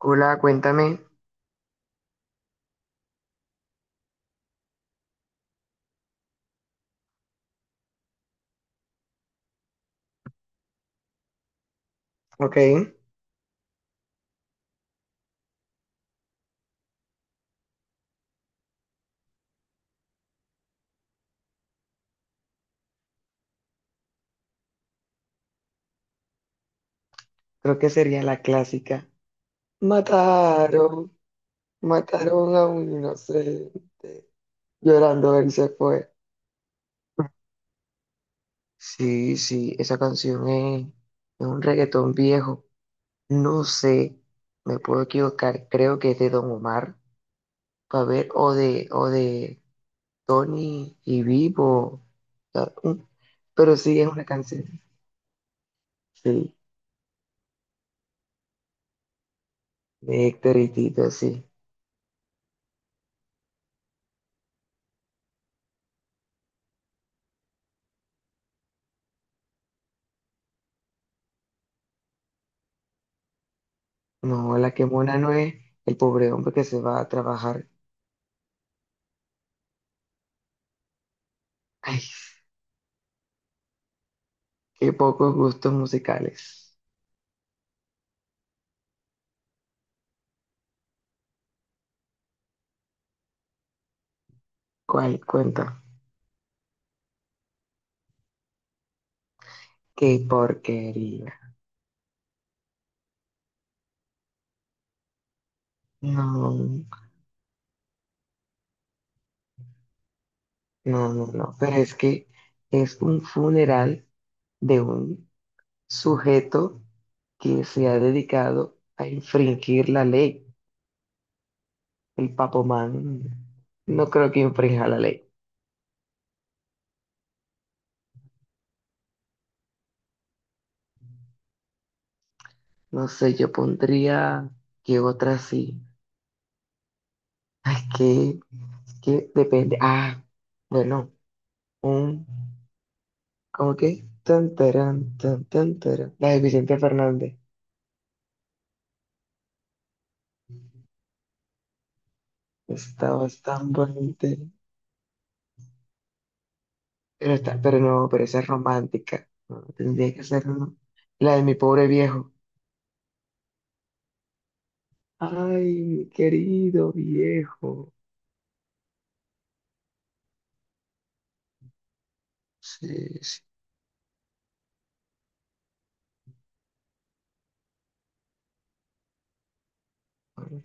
Hola, cuéntame. Ok, creo que sería la clásica. Mataron, mataron a un inocente. Llorando él se fue. Sí, sí, esa canción es un reggaetón viejo. No sé, me puedo equivocar. Creo que es de Don Omar. A ver, o de Tony y Vivo. O sea, pero sí, es una canción. Sí, de Héctor y Tito, sí. No, la que mona no es el pobre hombre que se va a trabajar. Ay, qué pocos gustos musicales. ¿Cuál cuenta? Qué porquería. No, no, no, no. Pero es que es un funeral de un sujeto que se ha dedicado a infringir la ley. El Papomán no creo que infrinja la ley. No sé, yo pondría que otra sí. Ay, que depende. Ah, bueno, un, ¿cómo que? Tan, tarán, tan, tan, tarán. La de Vicente Fernández. Está bastante bonita. Pero está, pero no, pero esa es romántica. No, tendría que ser la de mi pobre viejo. Ay, mi querido viejo. Sí, sí. Bueno,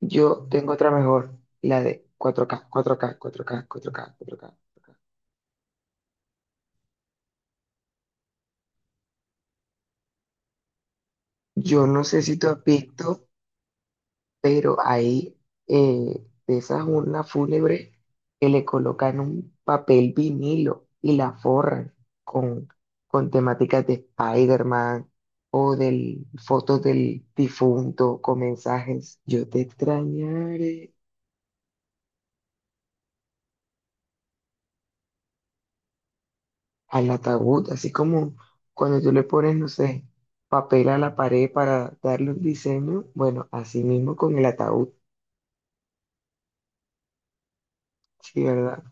yo tengo otra mejor. La de 4K, 4K, 4K, 4K, 4K, 4K. Yo no sé si tú has visto, pero ahí de esas urnas fúnebres que le colocan un papel vinilo y la forran con, con temáticas de Spider-Man o del, fotos del difunto con mensajes, yo te extrañaré al ataúd, así como cuando tú le pones, no sé, papel a la pared para darle un diseño, bueno, así mismo con el ataúd, sí, ¿verdad?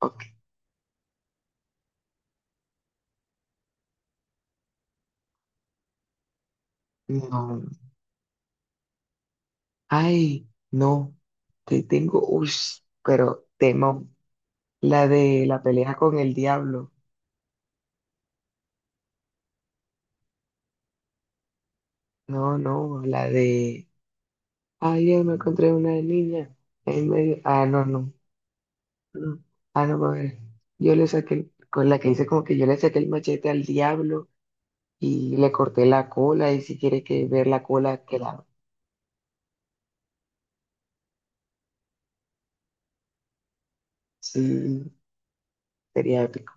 Ok, no. Ay, no, te tengo, uy, pero temo. La de la pelea con el diablo. No, no, la de. Ayer me encontré una niña en medio. Ah, no, no, no. Ah, no, a ver. Yo le saqué, con la que hice como que yo le saqué el machete al diablo y le corté la cola. Y si quiere que ver la cola, que la. Sí, sería épico.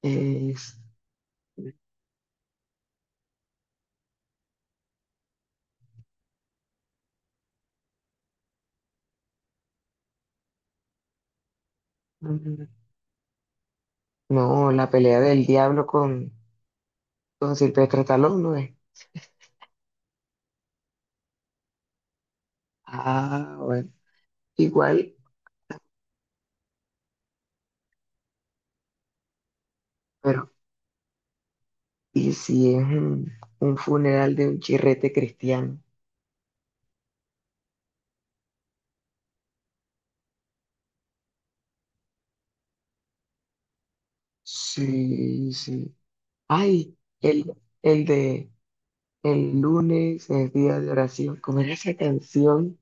Es- No, la pelea del diablo con Silvestre Stallone, ¿no es? Ah, bueno, igual, pero ¿y si es un funeral de un chirrete cristiano? Sí, sí. Ay, el de el lunes es día de oración. ¿Cómo era esa canción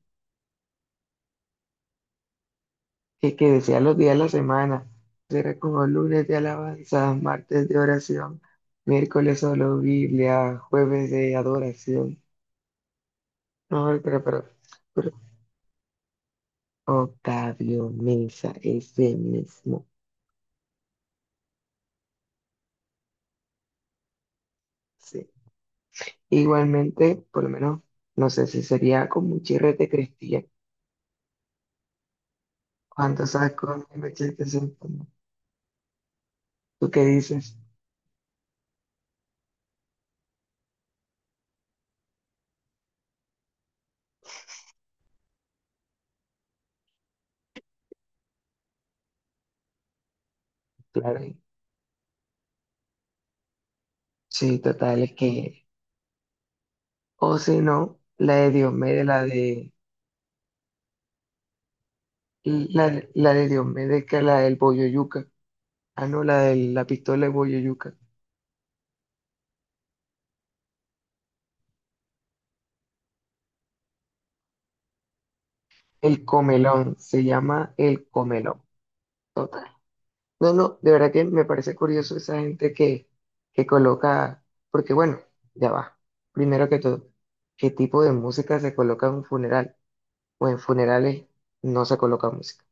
que decía los días de la semana? Era como lunes de alabanza, martes de oración, miércoles solo Biblia, jueves de adoración. No, pero Octavio Mesa, ese mismo. Sí. Igualmente, por lo menos, no sé si sería con un chirrete cristiano. Cuando saco el machete sentado. ¿Tú qué dices? Claro. Sí, total, es que. O si no, la de Diomedes, la de. La de Diomedes, que es la del Boyoyuca. Ah, no, la de la pistola de Boyoyuca. El comelón, se llama el comelón. Total. No, no, de verdad que me parece curioso esa gente que coloca, porque bueno, ya va. Primero que todo, ¿qué tipo de música se coloca en un funeral? O en funerales no se coloca música.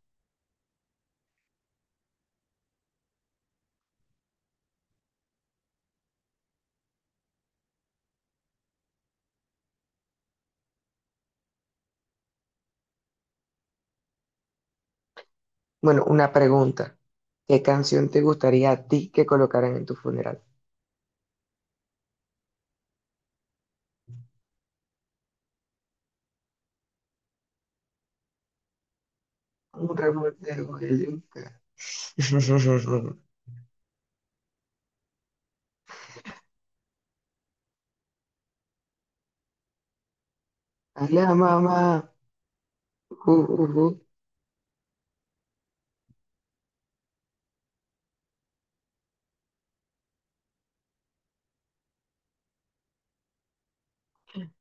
Bueno, una pregunta. ¿Qué canción te gustaría a ti que colocaran en tu funeral? Un revolteo de yuca. Hola mamá. Uh, uh, uh.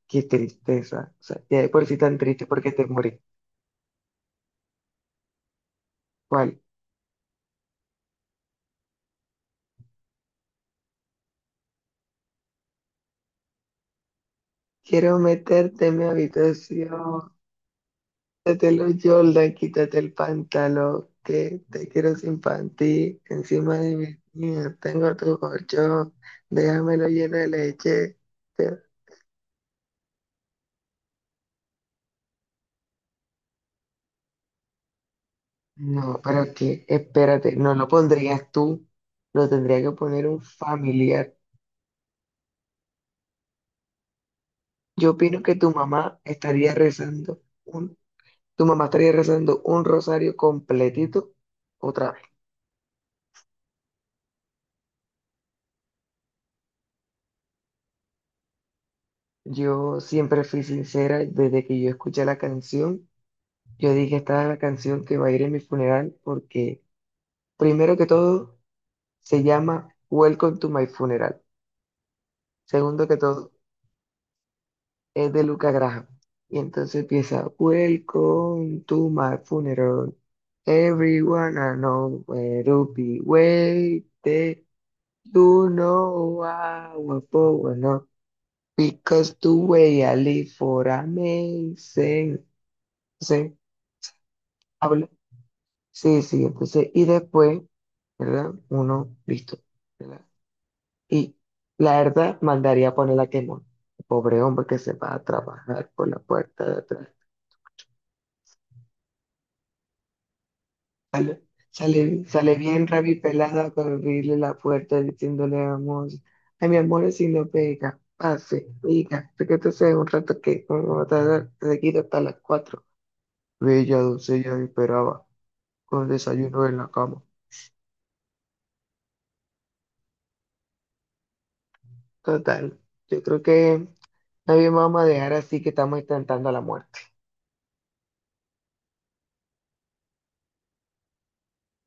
Qué tristeza. O sea, ya de por sí tan triste porque te morí. ¿Cuál? Quiero meterte en mi habitación. Quítate los Jordan, quítate el pantalón, que te quiero sin panty, encima de mi niña tengo tu colchón, déjamelo lleno de leche. Te- No, pero que, espérate, no lo pondrías tú, lo tendría que poner un familiar. Yo opino que tu mamá estaría rezando tu mamá estaría rezando un rosario completito otra vez. Yo siempre fui sincera desde que yo escuché la canción. Yo dije, esta es la canción que va a ir en mi funeral porque, primero que todo, se llama Welcome to my funeral. Segundo que todo, es de Luca Graham. Y entonces empieza, Welcome to my funeral. Everyone I know will be waiting. You know I will forward, up because the way I live for amazing. Entonces, habla. Sí, sí, entonces, y después. ¿Verdad? Uno, listo, ¿verdad? Y la verdad, mandaría a poner a quemón. Pobre hombre que se va a trabajar por la puerta de atrás. Sale, sale bien rabipelada con abrirle la puerta diciéndole a amor, ay, mi amor, si no pega, pase, diga, que te sea un rato que vamos a tardar seguido hasta las cuatro. Bella doncella me esperaba con el desayuno en la cama. Total, yo creo que nadie me va a dejar así que estamos intentando la muerte.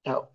Chao.